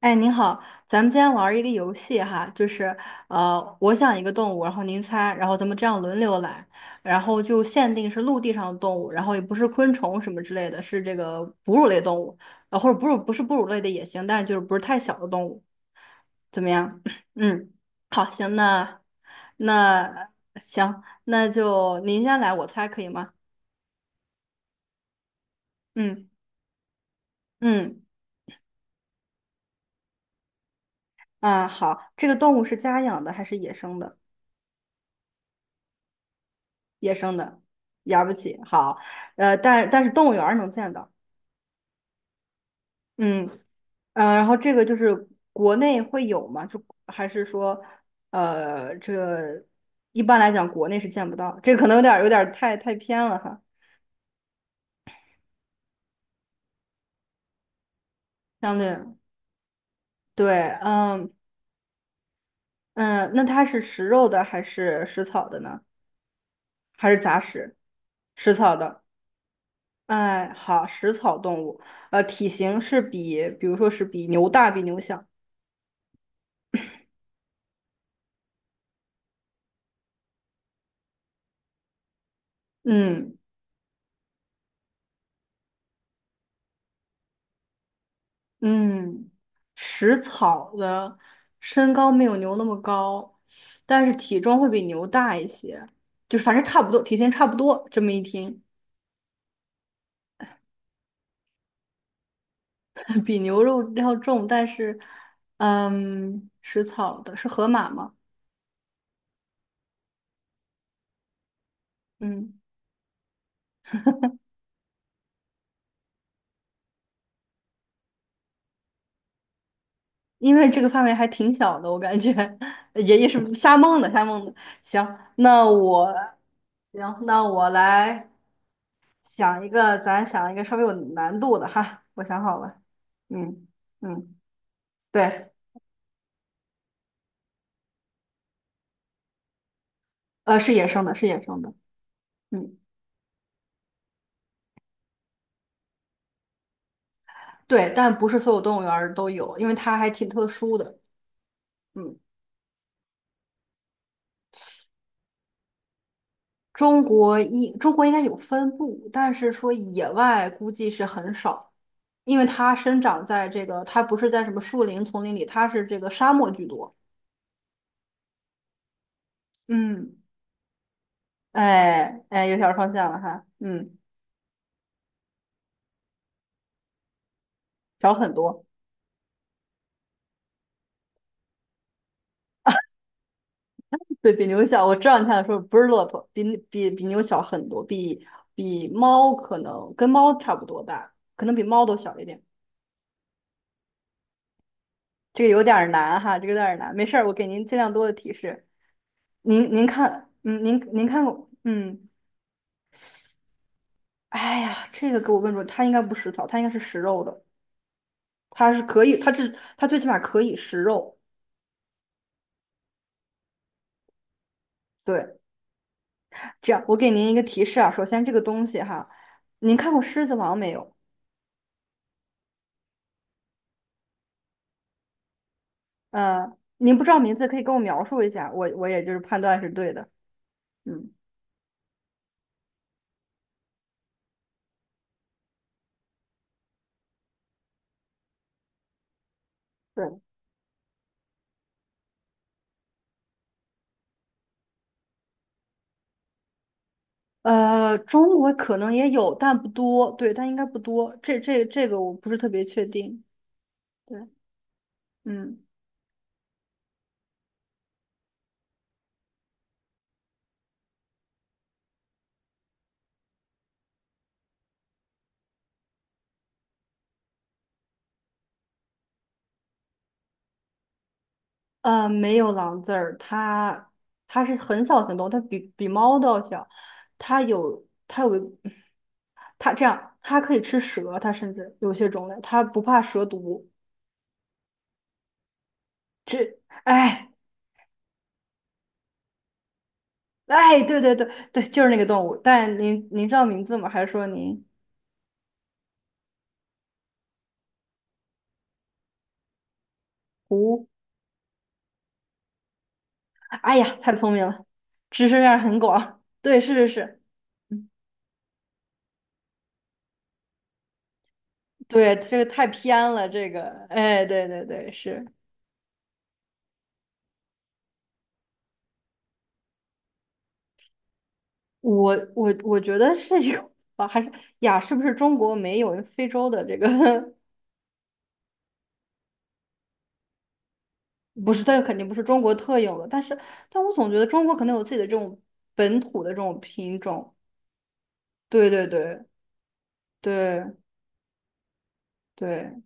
哎，您好，咱们今天玩儿一个游戏哈，就是我想一个动物，然后您猜，然后咱们这样轮流来，然后就限定是陆地上的动物，然后也不是昆虫什么之类的，是这个哺乳类动物，或者哺乳不是哺乳类的也行，但就是不是太小的动物，怎么样？嗯，好，行，那行，那就您先来，我猜可以吗？嗯嗯啊，好，这个动物是家养的还是野生的？野生的，养不起。好，但是动物园儿能见到，嗯然后这个就是国内会有吗？就还是说，这个一般来讲国内是见不到，这个可能有点儿太偏了哈，相对对，嗯嗯，那它是食肉的还是食草的呢？还是杂食？食草的。哎，好，食草动物，体型是比如说是比牛大，比牛小。嗯，嗯，食草的身高没有牛那么高，但是体重会比牛大一些，就是反正差不多，体型差不多。这么一听，比牛肉要重，但是，嗯，食草的是河马吗？嗯，因为这个范围还挺小的，我感觉 爷爷是瞎蒙的，瞎蒙的。行，那我，行，那我来想一个，咱想一个稍微有难度的哈，我想好了，嗯嗯。对，是野生的，是野生的，嗯，对，但不是所有动物园儿都有，因为它还挺特殊的，嗯，中国应该有分布，但是说野外估计是很少，因为它生长在这个，它不是在什么树林、丛林里，它是这个沙漠居多，嗯，哎哎，有小方向了哈，嗯，小很多，对比牛小，我知道你想说不是骆驼，比牛小很多，比猫可能跟猫差不多大，可能比猫都小一点。这个有点儿难哈，这个有点儿难，没事儿，我给您尽量多的提示。您看，嗯，您看过，嗯，哎呀，这个给我问住了，它应该不食草，它应该是食肉的，它是可以，它最起码可以食肉。对，这样我给您一个提示啊，首先这个东西哈，您看过《狮子王》没有？您不知道名字可以跟我描述一下，我也就是判断是对的。嗯，对。中国可能也有，但不多，对，但应该不多。这个我不是特别确定。对。嗯，没有狼字儿，它是很小的很多，它比猫都要小，它有它有个它这样，它可以吃蛇，它甚至有些种类它不怕蛇毒。哎哎，对对对对，就是那个动物。但您知道名字吗？还是说您胡？哎呀，太聪明了，知识面儿很广。对，是是是，嗯对，这个太偏了，这个，哎，对对对，是。我觉得是有吧，啊还是呀？是不是中国没有非洲的这个？不是，它肯定不是中国特有的，但我总觉得中国可能有自己的这种本土的这种品种。对对对对对，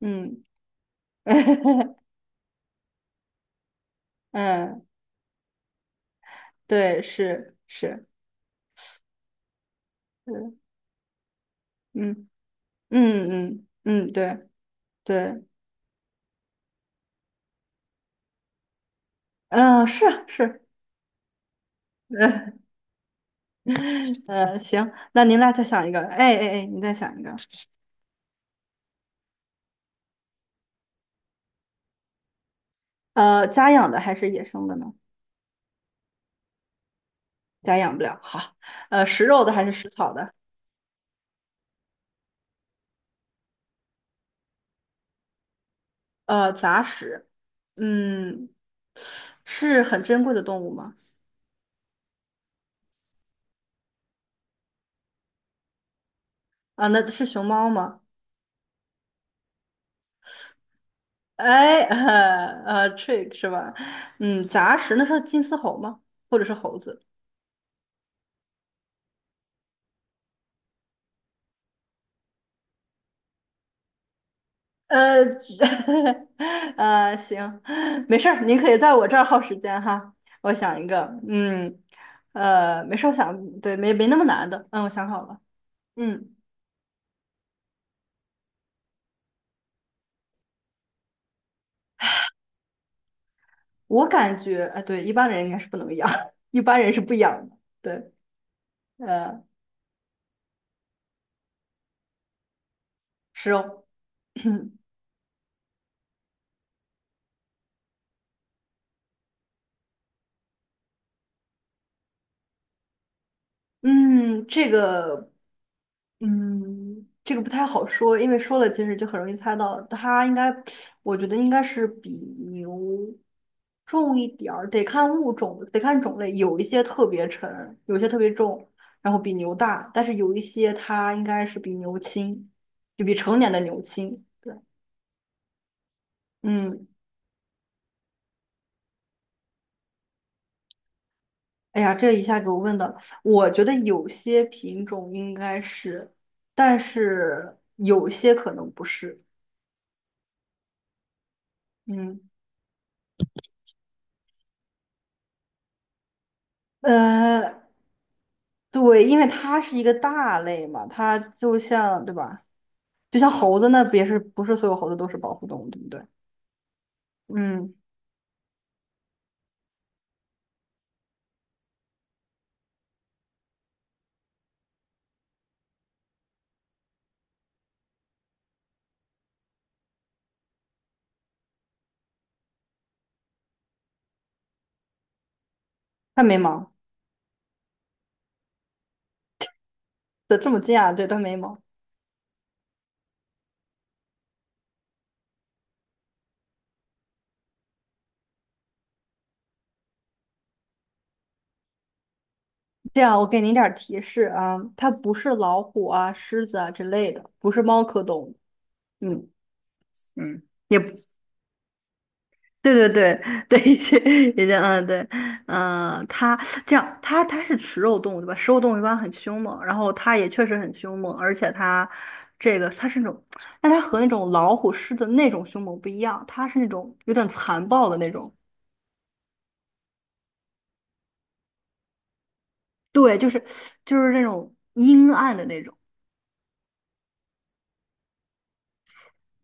嗯 嗯，对，是是是，嗯嗯嗯嗯，对对，嗯、是啊是，嗯嗯，行，那您来再想一个，哎哎哎，你再想一个，家养的还是野生的呢？家养不了。好，食肉的还是食草的？杂食。嗯，是很珍贵的动物吗？啊，那是熊猫吗？哎，trick 是吧？嗯，杂食那是金丝猴吗？或者是猴子？呃，行，没事儿，您可以在我这儿耗时间哈。我想一个，嗯，没事儿，我想，对，没那么难的，嗯，我想好了，嗯，我感觉啊，对，一般人应该是不能养，一般人是不养的。对，呃，是哦，嗯，这个，嗯，这个不太好说，因为说了其实就很容易猜到，它应该，我觉得应该是比牛重一点儿，得看物种，得看种类，有一些特别沉，有一些特别重，然后比牛大，但是有一些它应该是比牛轻，就比成年的牛轻。对，嗯，哎呀，这一下给我问的，我觉得有些品种应该是，但是有些可能不是。嗯，呃，对，因为它是一个大类嘛，它就像，对吧？就像猴子那别是不是所有猴子都是保护动物，对不对？嗯，它没毛，对，这么近啊，对，它没毛。这样，我给您点儿提示啊，它不是老虎啊、狮子啊之类的，不是猫科动物。嗯嗯，也不。对对对对，一些一些，嗯，对，嗯，它这样，它是食肉动物对吧？食肉动物一般很凶猛，然后它也确实很凶猛，而且它这个它是那种，但它和那种老虎、狮子那种凶猛不一样，它是那种有点残暴的那种，对，就是那种阴暗的那种。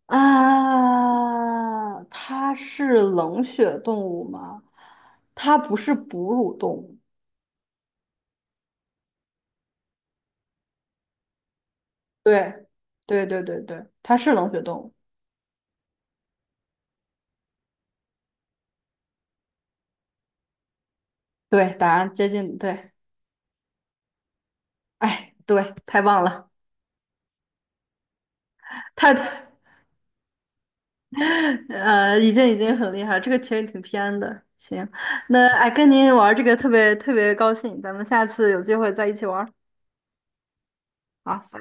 啊，它是冷血动物吗？它不是哺乳动物。对，对对对对，它是冷血动物。对，答案接近对，哎，对，太棒了，太，已经很厉害了，这个其实挺偏的。行，那哎，跟您玩这个特别特别高兴，咱们下次有机会再一起玩儿。好，